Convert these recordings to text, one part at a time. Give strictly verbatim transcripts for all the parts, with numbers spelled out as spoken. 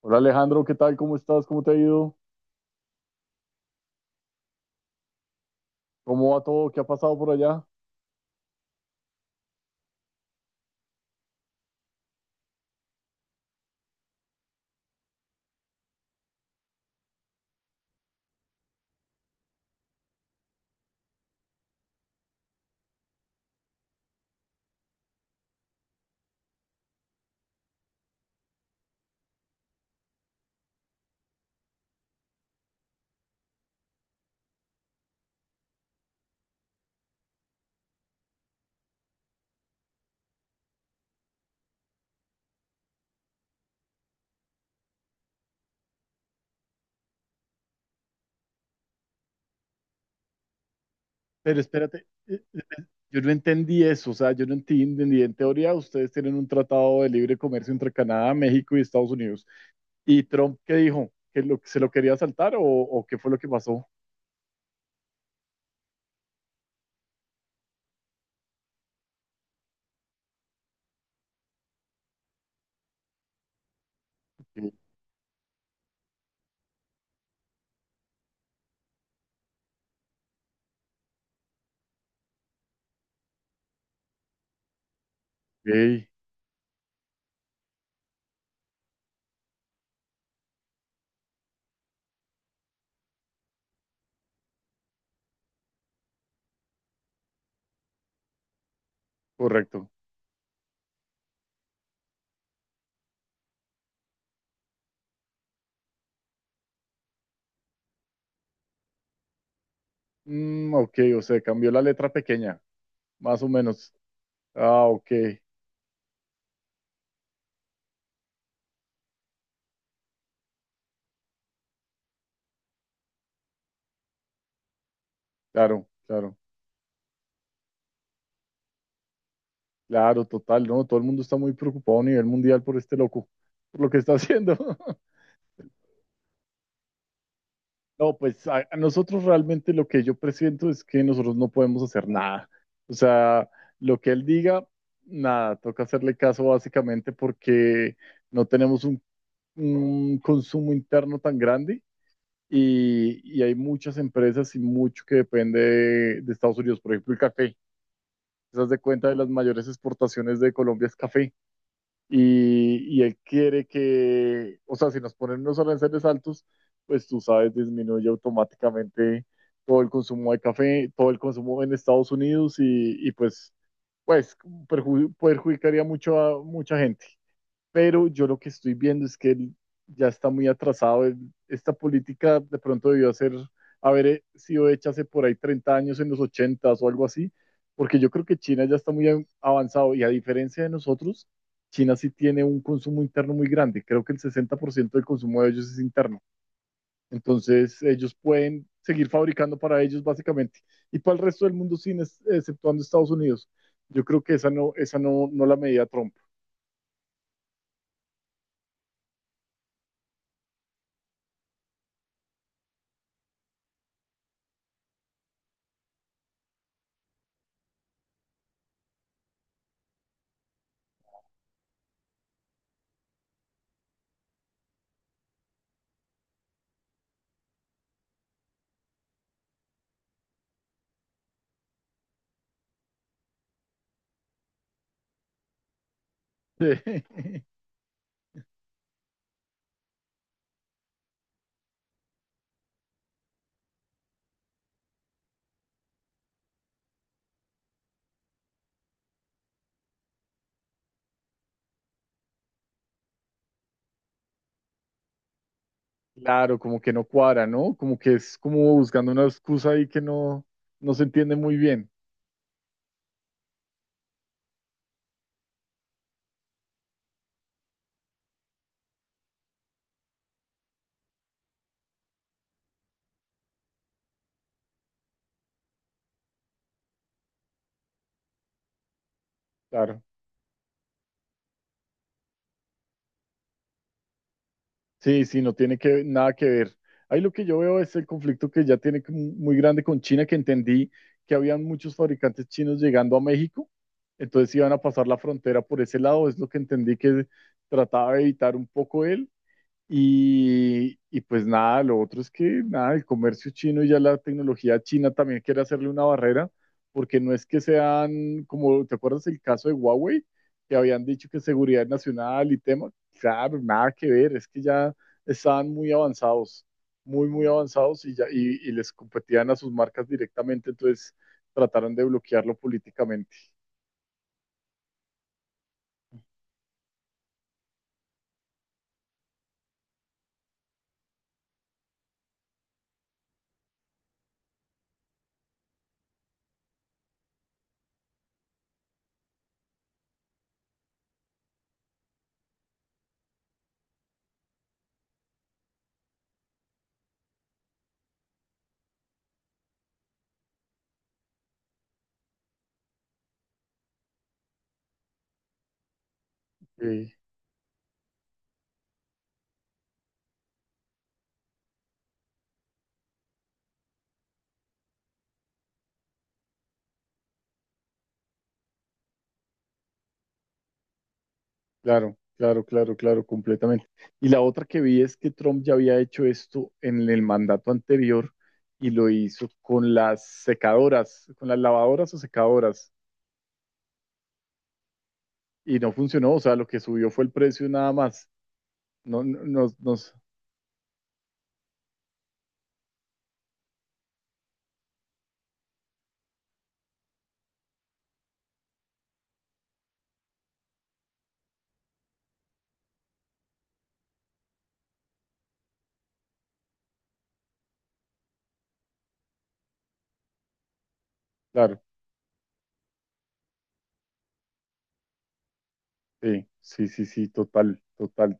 Hola Alejandro, ¿qué tal? ¿Cómo estás? ¿Cómo te ha ido? ¿Cómo va todo? ¿Qué ha pasado por allá? Pero espérate, eh, yo no entendí eso, o sea, yo no enti- entendí, en teoría ustedes tienen un tratado de libre comercio entre Canadá, México y Estados Unidos. ¿Y Trump qué dijo? ¿Que lo- se lo quería saltar o, o qué fue lo que pasó? Ok, correcto. Mm, ok, o sea, cambió la letra pequeña, más o menos. Ah, ok, claro, claro, claro, total, ¿no? Todo el mundo está muy preocupado a nivel mundial por este loco, por lo que está haciendo. No, pues a, a nosotros realmente lo que yo presiento es que nosotros no podemos hacer nada. O sea, lo que él diga, nada, toca hacerle caso básicamente porque no tenemos un, un consumo interno tan grande y, y hay muchas empresas y mucho que depende de, de Estados Unidos. Por ejemplo, el café. ¿Te das de cuenta de las mayores exportaciones de Colombia es café? Y, y él quiere que, o sea, si nos ponen unos aranceles altos, pues tú sabes, disminuye automáticamente todo el consumo de café, todo el consumo en Estados Unidos y, y pues, pues perju- perjudicaría mucho a mucha gente, pero yo lo que estoy viendo es que él ya está muy atrasado. Él- esta política de pronto debió hacer, haber eh, sido hecha hace por ahí treinta años, en los ochenta o algo así, porque yo creo que China ya está muy av- avanzado y a diferencia de nosotros, China sí tiene un consumo interno muy grande. Creo que el sesenta por ciento del consumo de ellos es interno. Entonces, ellos pueden seguir fabricando para ellos básicamente y para el resto del mundo, sin ex- exceptuando Estados Unidos. Yo creo que esa no, esa no, no la medía Trump. Claro, como que no cuadra, ¿no? Como que es como buscando una excusa ahí que no, no se entiende muy bien. Claro. Sí, sí, no tiene que, nada que ver. Ahí lo que yo veo es el conflicto que ya tiene como muy grande con China, que entendí que habían muchos fabricantes chinos llegando a México, entonces iban a pasar la frontera por ese lado, es lo que entendí que trataba de evitar un poco él. Y, y pues nada, lo otro es que nada, el comercio chino y ya la tecnología china también quiere hacerle una barrera, porque no es que sean, como te acuerdas el caso de Huawei, que habían dicho que seguridad nacional y tema, claro, nada que ver, es que ya estaban muy avanzados, muy, muy avanzados y, ya, y, y les competían a sus marcas directamente, entonces trataron de bloquearlo políticamente. Claro, claro, claro, claro, completamente. Y la otra que vi es que Trump ya había hecho esto en el mandato anterior y lo hizo con las secadoras, con las lavadoras o secadoras, y no funcionó, o sea, lo que subió fue el precio nada más. No, no, no, no, claro, sí, sí, sí, sí, total, total.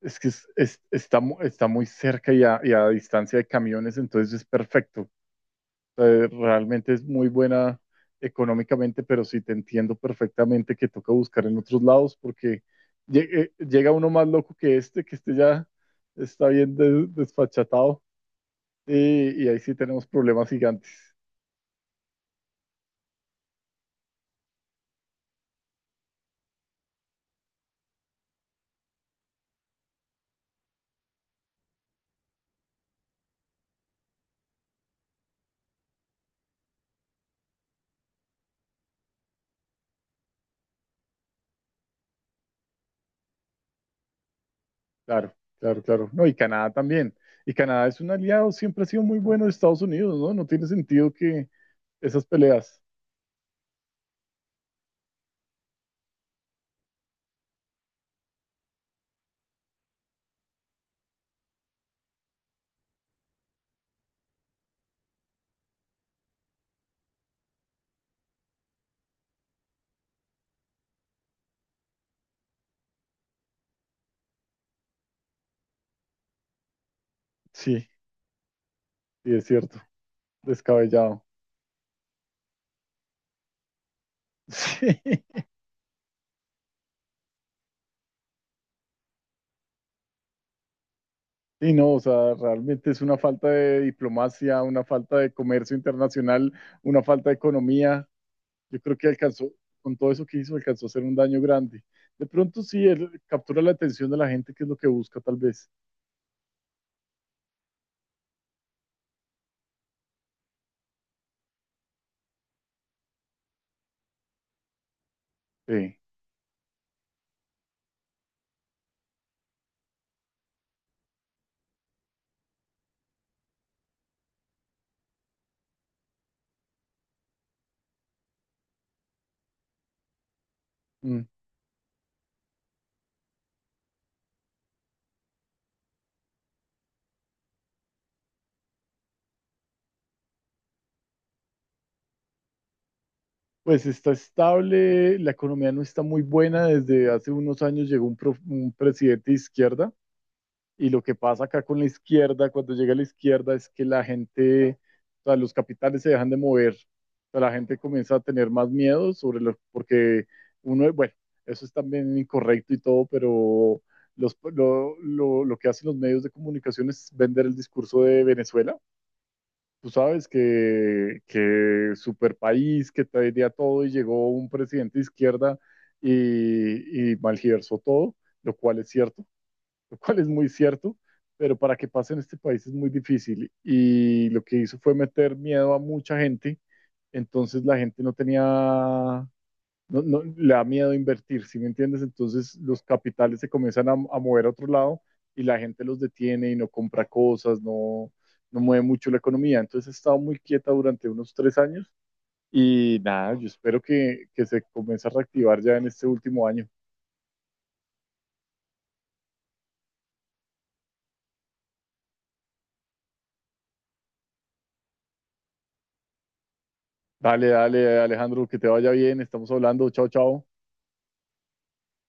Es que es- es- está, mu- está muy cerca y a, y a distancia de camiones, entonces es perfecto. eh, realmente es muy buena económicamente, pero sí te entiendo perfectamente que toca buscar en otros lados porque llegue- llega uno más loco que este, que este ya está bien de- desfachatado y, y ahí sí tenemos problemas gigantes. Claro, claro, claro. No, y Canadá también. Y Canadá es un aliado, siempre ha sido muy bueno de Estados Unidos, ¿no? No tiene sentido que esas peleas. Sí, sí, es cierto, descabellado. Sí. Sí, no, o sea, realmente es una falta de diplomacia, una falta de comercio internacional, una falta de economía. Yo creo que alcanzó, con todo eso que hizo, alcanzó a hacer un daño grande. De pronto sí, él captura la atención de la gente, que es lo que busca tal vez. Sí. Mm. Pues está estable, la economía no está muy buena. Desde hace unos años llegó un, pro- un presidente de izquierda. Y lo que pasa acá con la izquierda, cuando llega a la izquierda, es que la gente, o sea, los capitales se dejan de mover. O sea, la gente comienza a tener más miedo sobre lo, porque uno, bueno, eso es también incorrecto y todo, pero los, lo, lo, lo que hacen los medios de comunicación es vender el discurso de Venezuela. Tú sabes que, que super país, que traería todo y llegó un presidente de izquierda y, y malgiversó todo, lo cual es cierto. Lo cual es muy cierto, pero para que pase en este país es muy difícil. Y lo que hizo fue meter miedo a mucha gente, entonces la gente no tenía, no, no- le da miedo invertir, ¿sí me entiendes? Entonces los capitales se comienzan a, a mover a otro lado y la gente los detiene y no compra cosas, no, no mueve mucho la economía. Entonces ha estado muy quieta durante unos tres años. Y nada, yo espero que, que se comience a reactivar ya en este último año. Dale, dale, Alejandro, que te vaya bien. Estamos hablando. Chao, chao.